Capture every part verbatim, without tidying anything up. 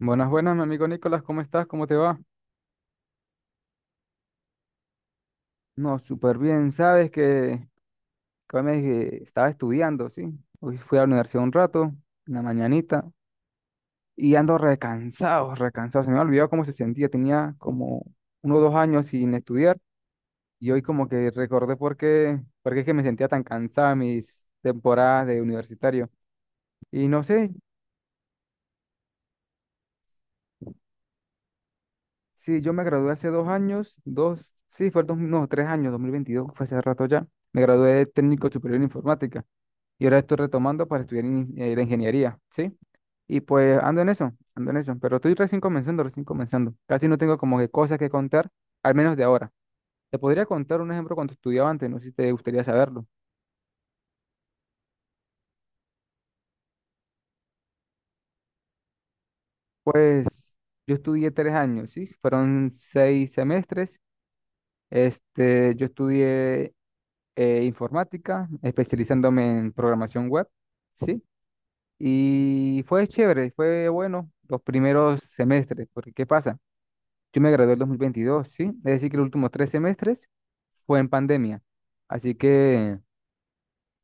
Buenas, buenas, mi amigo Nicolás, ¿cómo estás? ¿Cómo te va? No, súper bien, sabes que, que hoy me eh, estaba estudiando, ¿sí? Hoy fui a la universidad un rato, en la mañanita, y ando recansado, recansado, se me había olvidado cómo se sentía, tenía como uno o dos años sin estudiar, y hoy como que recordé por qué, por qué es que me sentía tan cansada en mis temporadas de universitario. Y no sé, si yo me gradué hace dos años, dos, sí, fue el dos, no, tres años, dos mil veintidós, fue hace rato ya, me gradué de técnico superior en informática. Y ahora estoy retomando para estudiar in- eh, la ingeniería, ¿sí? Y pues ando en eso, ando en eso. Pero estoy recién comenzando, recién comenzando. Casi no tengo como que cosas que contar, al menos de ahora. Te podría contar un ejemplo cuando estudiaba antes, no sé si te gustaría saberlo. Pues yo estudié tres años, ¿sí? Fueron seis semestres. Este, yo estudié eh, informática, especializándome en programación web, ¿sí? Y fue chévere, fue bueno los primeros semestres, porque ¿qué pasa? Yo me gradué el dos mil veintidós, ¿sí? Es decir, que los últimos tres semestres fue en pandemia. Así que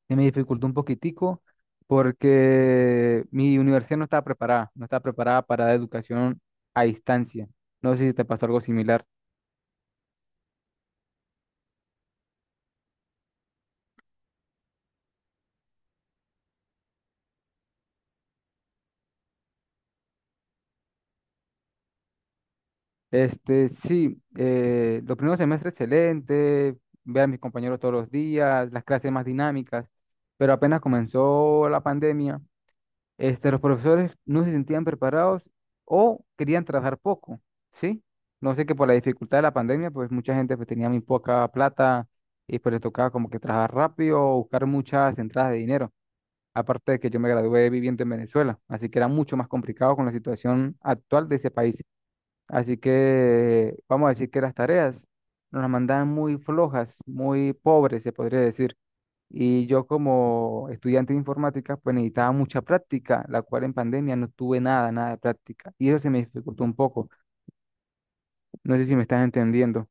se me dificultó un poquitico porque mi universidad no estaba preparada, no estaba preparada para la educación a distancia. No sé si te pasó algo similar. Este, sí, eh, los primeros semestres excelente, ver a mis compañeros todos los días, las clases más dinámicas, pero apenas comenzó la pandemia, este, los profesores no se sentían preparados o querían trabajar poco, ¿sí? No sé que por la dificultad de la pandemia, pues mucha gente pues, tenía muy poca plata y pues les tocaba como que trabajar rápido o buscar muchas entradas de dinero. Aparte de que yo me gradué viviendo en Venezuela, así que era mucho más complicado con la situación actual de ese país. Así que vamos a decir que las tareas nos las mandaban muy flojas, muy pobres, se podría decir. Y yo como estudiante de informática, pues necesitaba mucha práctica, la cual en pandemia no tuve nada, nada de práctica. Y eso se me dificultó un poco. No sé si me estás entendiendo.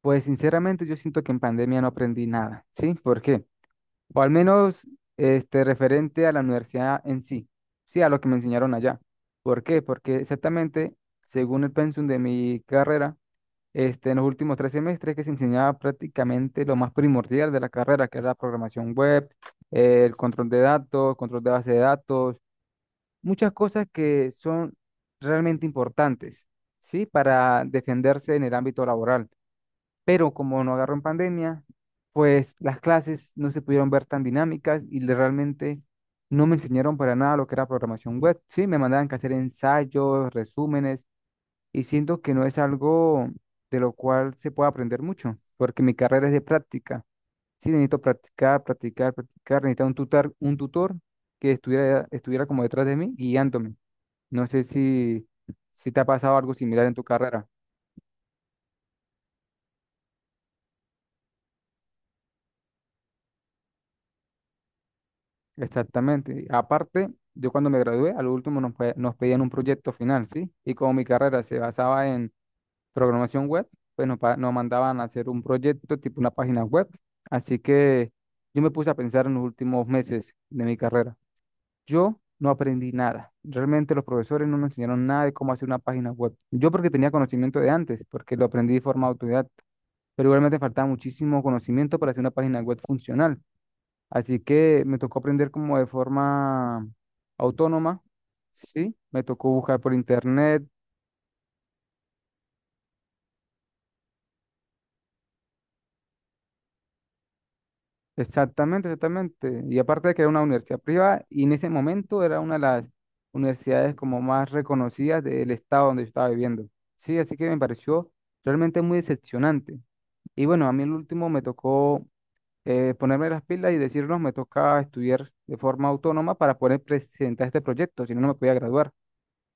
Pues sinceramente yo siento que en pandemia no aprendí nada, ¿sí? ¿Por qué? O al menos este, referente a la universidad en sí, sí, a lo que me enseñaron allá. ¿Por qué? Porque exactamente, según el pensum de mi carrera, este, en los últimos tres semestres que se enseñaba prácticamente lo más primordial de la carrera, que era la programación web, eh, el control de datos, control de base de datos, muchas cosas que son realmente importantes, ¿sí? Para defenderse en el ámbito laboral. Pero como no agarró en pandemia, pues las clases no se pudieron ver tan dinámicas y le- realmente no me enseñaron para nada lo que era programación web, ¿sí? Me mandaban que hacer ensayos, resúmenes y siento que no es algo de lo cual se puede aprender mucho, porque mi carrera es de práctica. Sí, necesito practicar, practicar, practicar, necesito un tutor, un tutor que estuviera, estuviera como detrás de mí, guiándome. No sé si, si te ha pasado algo similar en tu carrera. Exactamente. Aparte, yo cuando me gradué, a lo último nos, pe- nos pedían un proyecto final, ¿sí? Y como mi carrera se basaba en programación web, pues nos, pa- nos mandaban a hacer un proyecto tipo una página web. Así que yo me puse a pensar en los últimos meses de mi carrera. Yo no aprendí nada. Realmente los profesores no nos enseñaron nada de cómo hacer una página web. Yo porque tenía conocimiento de antes, porque lo aprendí de forma autodidacta, pero igualmente faltaba muchísimo conocimiento para hacer una página web funcional. Así que me tocó aprender como de forma autónoma, ¿sí? Me tocó buscar por internet. Exactamente, exactamente. Y aparte de que era una universidad privada, y en ese momento era una de las universidades como más reconocidas del estado donde yo estaba viviendo. Sí, así que me pareció realmente muy decepcionante. Y bueno, a mí el último me tocó eh, ponerme las pilas y decirnos, me toca estudiar de forma autónoma para poder presentar este proyecto, si no, no me podía graduar.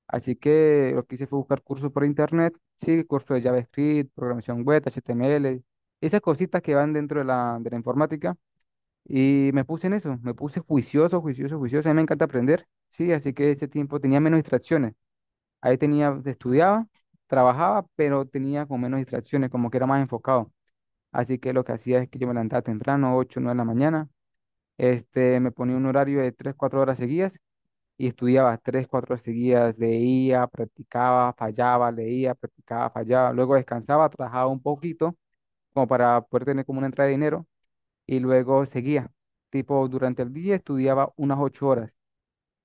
Así que lo que hice fue buscar cursos por internet, sí, cursos de JavaScript, programación web, H T M L, esas cositas que van dentro de la, de la informática y me puse en eso, me puse juicioso, juicioso, juicioso. A mí me encanta aprender, sí, así que ese tiempo tenía menos distracciones. Ahí tenía, estudiaba, trabajaba, pero tenía con menos distracciones, como que era más enfocado. Así que lo que hacía es que yo me levantaba temprano, ocho nueve de la mañana, este, me ponía un horario de tres cuatro horas seguidas y estudiaba tres cuatro horas seguidas, leía, practicaba, fallaba, leía, practicaba, fallaba. Luego descansaba, trabajaba un poquito, como para poder tener como una entrada de dinero y luego seguía. Tipo, durante el día estudiaba unas ocho horas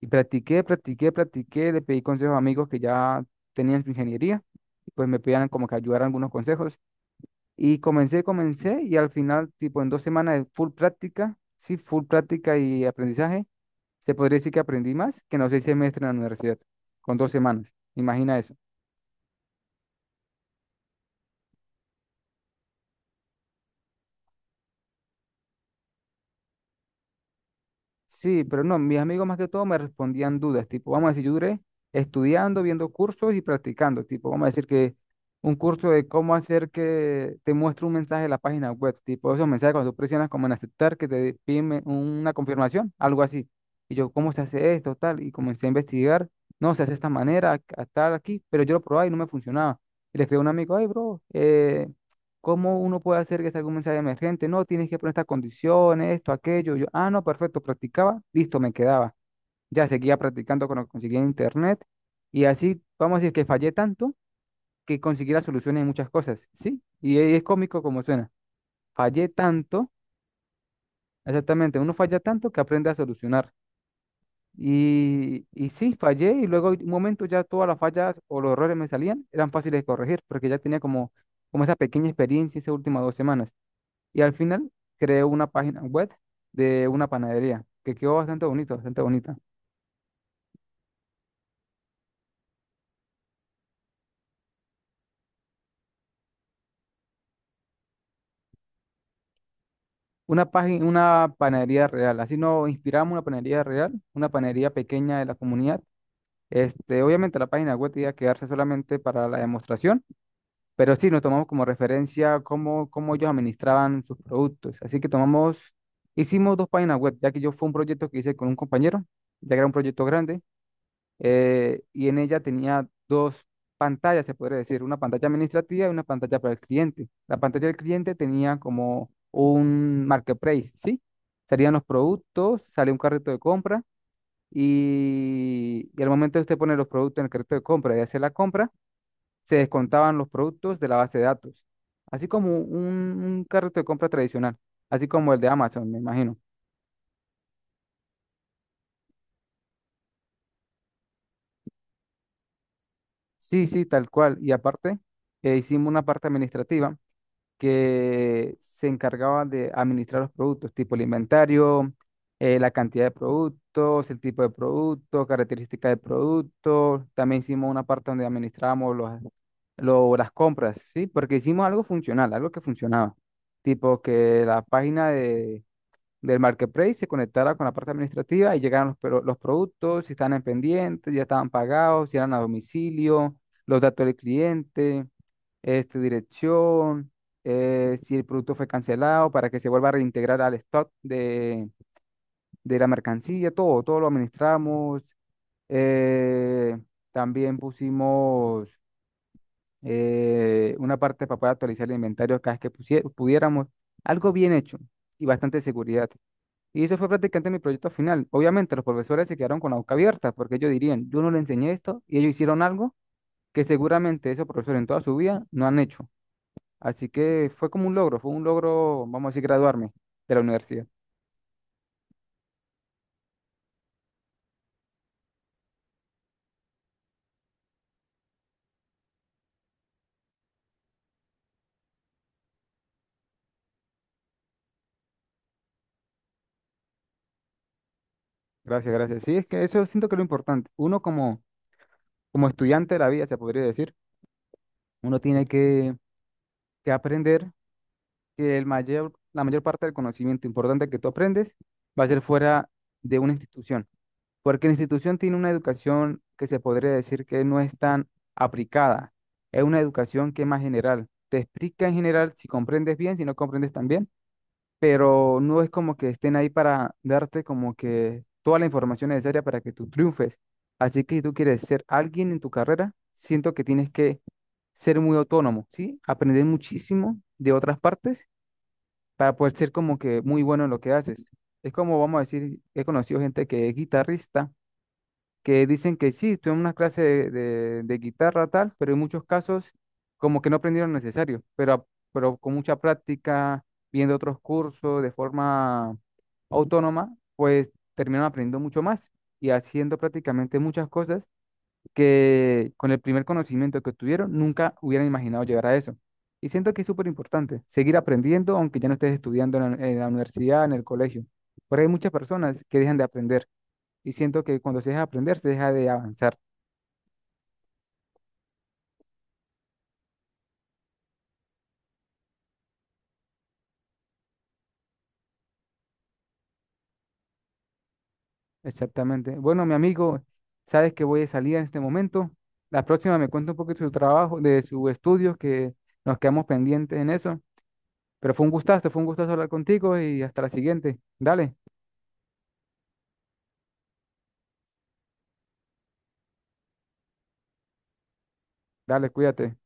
y practiqué, practiqué, practiqué, le pedí consejos a amigos que ya tenían su ingeniería, y pues me pedían como que ayudar algunos consejos y comencé, comencé y al final, tipo, en dos semanas de full práctica, sí, full práctica y aprendizaje, se podría decir que aprendí más que en los seis semestres en la universidad, con dos semanas, imagina eso. Sí, pero no, mis amigos más que todo me respondían dudas, tipo, vamos a decir, yo duré estudiando, viendo cursos y practicando, tipo, vamos a decir que un curso de cómo hacer que te muestre un mensaje en la página web, tipo, esos mensajes cuando tú presionas como en aceptar, que te piden me- una confirmación, algo así. Y yo, ¿cómo se hace esto, tal? Y comencé a investigar, no, se hace de esta manera, a tal aquí, pero yo lo probaba y no me funcionaba. Y le escribí a un amigo, ay, bro, eh, ¿cómo uno puede hacer que salga un mensaje emergente? No, tienes que poner estas condiciones, esto, aquello. Yo, ah, no, perfecto, practicaba, listo, me quedaba. Ya seguía practicando con lo que conseguía en internet. Y así, vamos a decir que fallé tanto que conseguí las soluciones en muchas cosas, ¿sí? Y es es cómico como suena. Fallé tanto, exactamente, uno falla tanto que aprende a solucionar. Y, y sí, fallé y luego un momento ya todas las fallas o los errores me salían, eran fáciles de corregir porque ya tenía como, como esa pequeña experiencia esas últimas dos semanas. Y al final creé una página web de una panadería, que quedó bastante bonito, bastante bonita. Una página, una panadería real. Así nos inspiramos una panadería real, una panadería pequeña de la comunidad. Este, obviamente la página web iba a quedarse solamente para la demostración, pero sí nos tomamos como referencia cómo, cómo ellos administraban sus productos. Así que tomamos, hicimos dos páginas web, ya que yo fue un proyecto que hice con un compañero, ya que era un proyecto grande, eh, y en ella tenía dos pantallas, se podría decir, una pantalla administrativa y una pantalla para el cliente. La pantalla del cliente tenía como un marketplace, ¿sí? Salían los productos, sale un carrito de compra y, y al momento de usted poner los productos en el carrito de compra y hacer la compra, se descontaban los productos de la base de datos, así como un, un carrito de compra tradicional, así como el de Amazon, me imagino. Sí, sí, tal cual. Y aparte, eh, hicimos una parte administrativa que se encargaban de administrar los productos, tipo el inventario, eh, la cantidad de productos, el tipo de productos, características de productos. También hicimos una parte donde administrábamos los, lo- las compras, ¿sí? Porque hicimos algo funcional, algo que funcionaba. Tipo que la página de, del marketplace se conectara con la parte administrativa y llegaran los, pro- los productos, si estaban en pendientes, ya estaban pagados, si eran a domicilio, los datos del cliente este, dirección, eh, si el producto fue cancelado, para que se vuelva a reintegrar al stock de, de la mercancía, todo, todo lo administramos. Eh, también pusimos eh, una parte para poder actualizar el inventario cada vez que pusie- pudiéramos. Algo bien hecho y bastante seguridad. Y eso fue prácticamente mi proyecto final. Obviamente los profesores se quedaron con la boca abierta porque ellos dirían, yo no le enseñé esto y ellos hicieron algo que seguramente esos profesores en toda su vida no han hecho. Así que fue como un logro, fue un logro, vamos a decir, graduarme de la universidad. Gracias, gracias. Sí, es que eso siento que es lo importante. Uno como, como estudiante de la vida, se podría decir, uno tiene que, que aprender que el mayor, la mayor parte del conocimiento importante que tú aprendes va a ser fuera de una institución, porque la institución tiene una educación que se podría decir que no es tan aplicada, es una educación que es más general. Te explica en general si comprendes bien, si no comprendes también pero no es como que estén ahí para darte como que toda la información necesaria para que tú triunfes. Así que si tú quieres ser alguien en tu carrera, siento que tienes que ser muy autónomo, ¿sí? Aprender muchísimo de otras partes para poder ser como que muy bueno en lo que haces. Es como, vamos a decir, he conocido gente que es guitarrista que dicen que sí, tuve una clase de, de- de guitarra tal, pero en muchos casos como que no aprendieron lo necesario, pero, a- pero con mucha práctica, viendo otros cursos de forma autónoma, pues terminaron aprendiendo mucho más y haciendo prácticamente muchas cosas que con el primer conocimiento que obtuvieron nunca hubieran imaginado llegar a eso. Y siento que es súper importante seguir aprendiendo, aunque ya no estés estudiando en la, en la universidad, en el colegio. Pero hay muchas personas que dejan de aprender y siento que cuando se deja de aprender, se deja de avanzar. Exactamente. Bueno, mi amigo, sabes que voy de salida en este momento. La próxima me cuenta un poquito de su trabajo, de su estudio que nos quedamos pendientes en eso. Pero fue un gustazo, fue un gustazo hablar contigo y hasta la siguiente. Dale, dale, cuídate.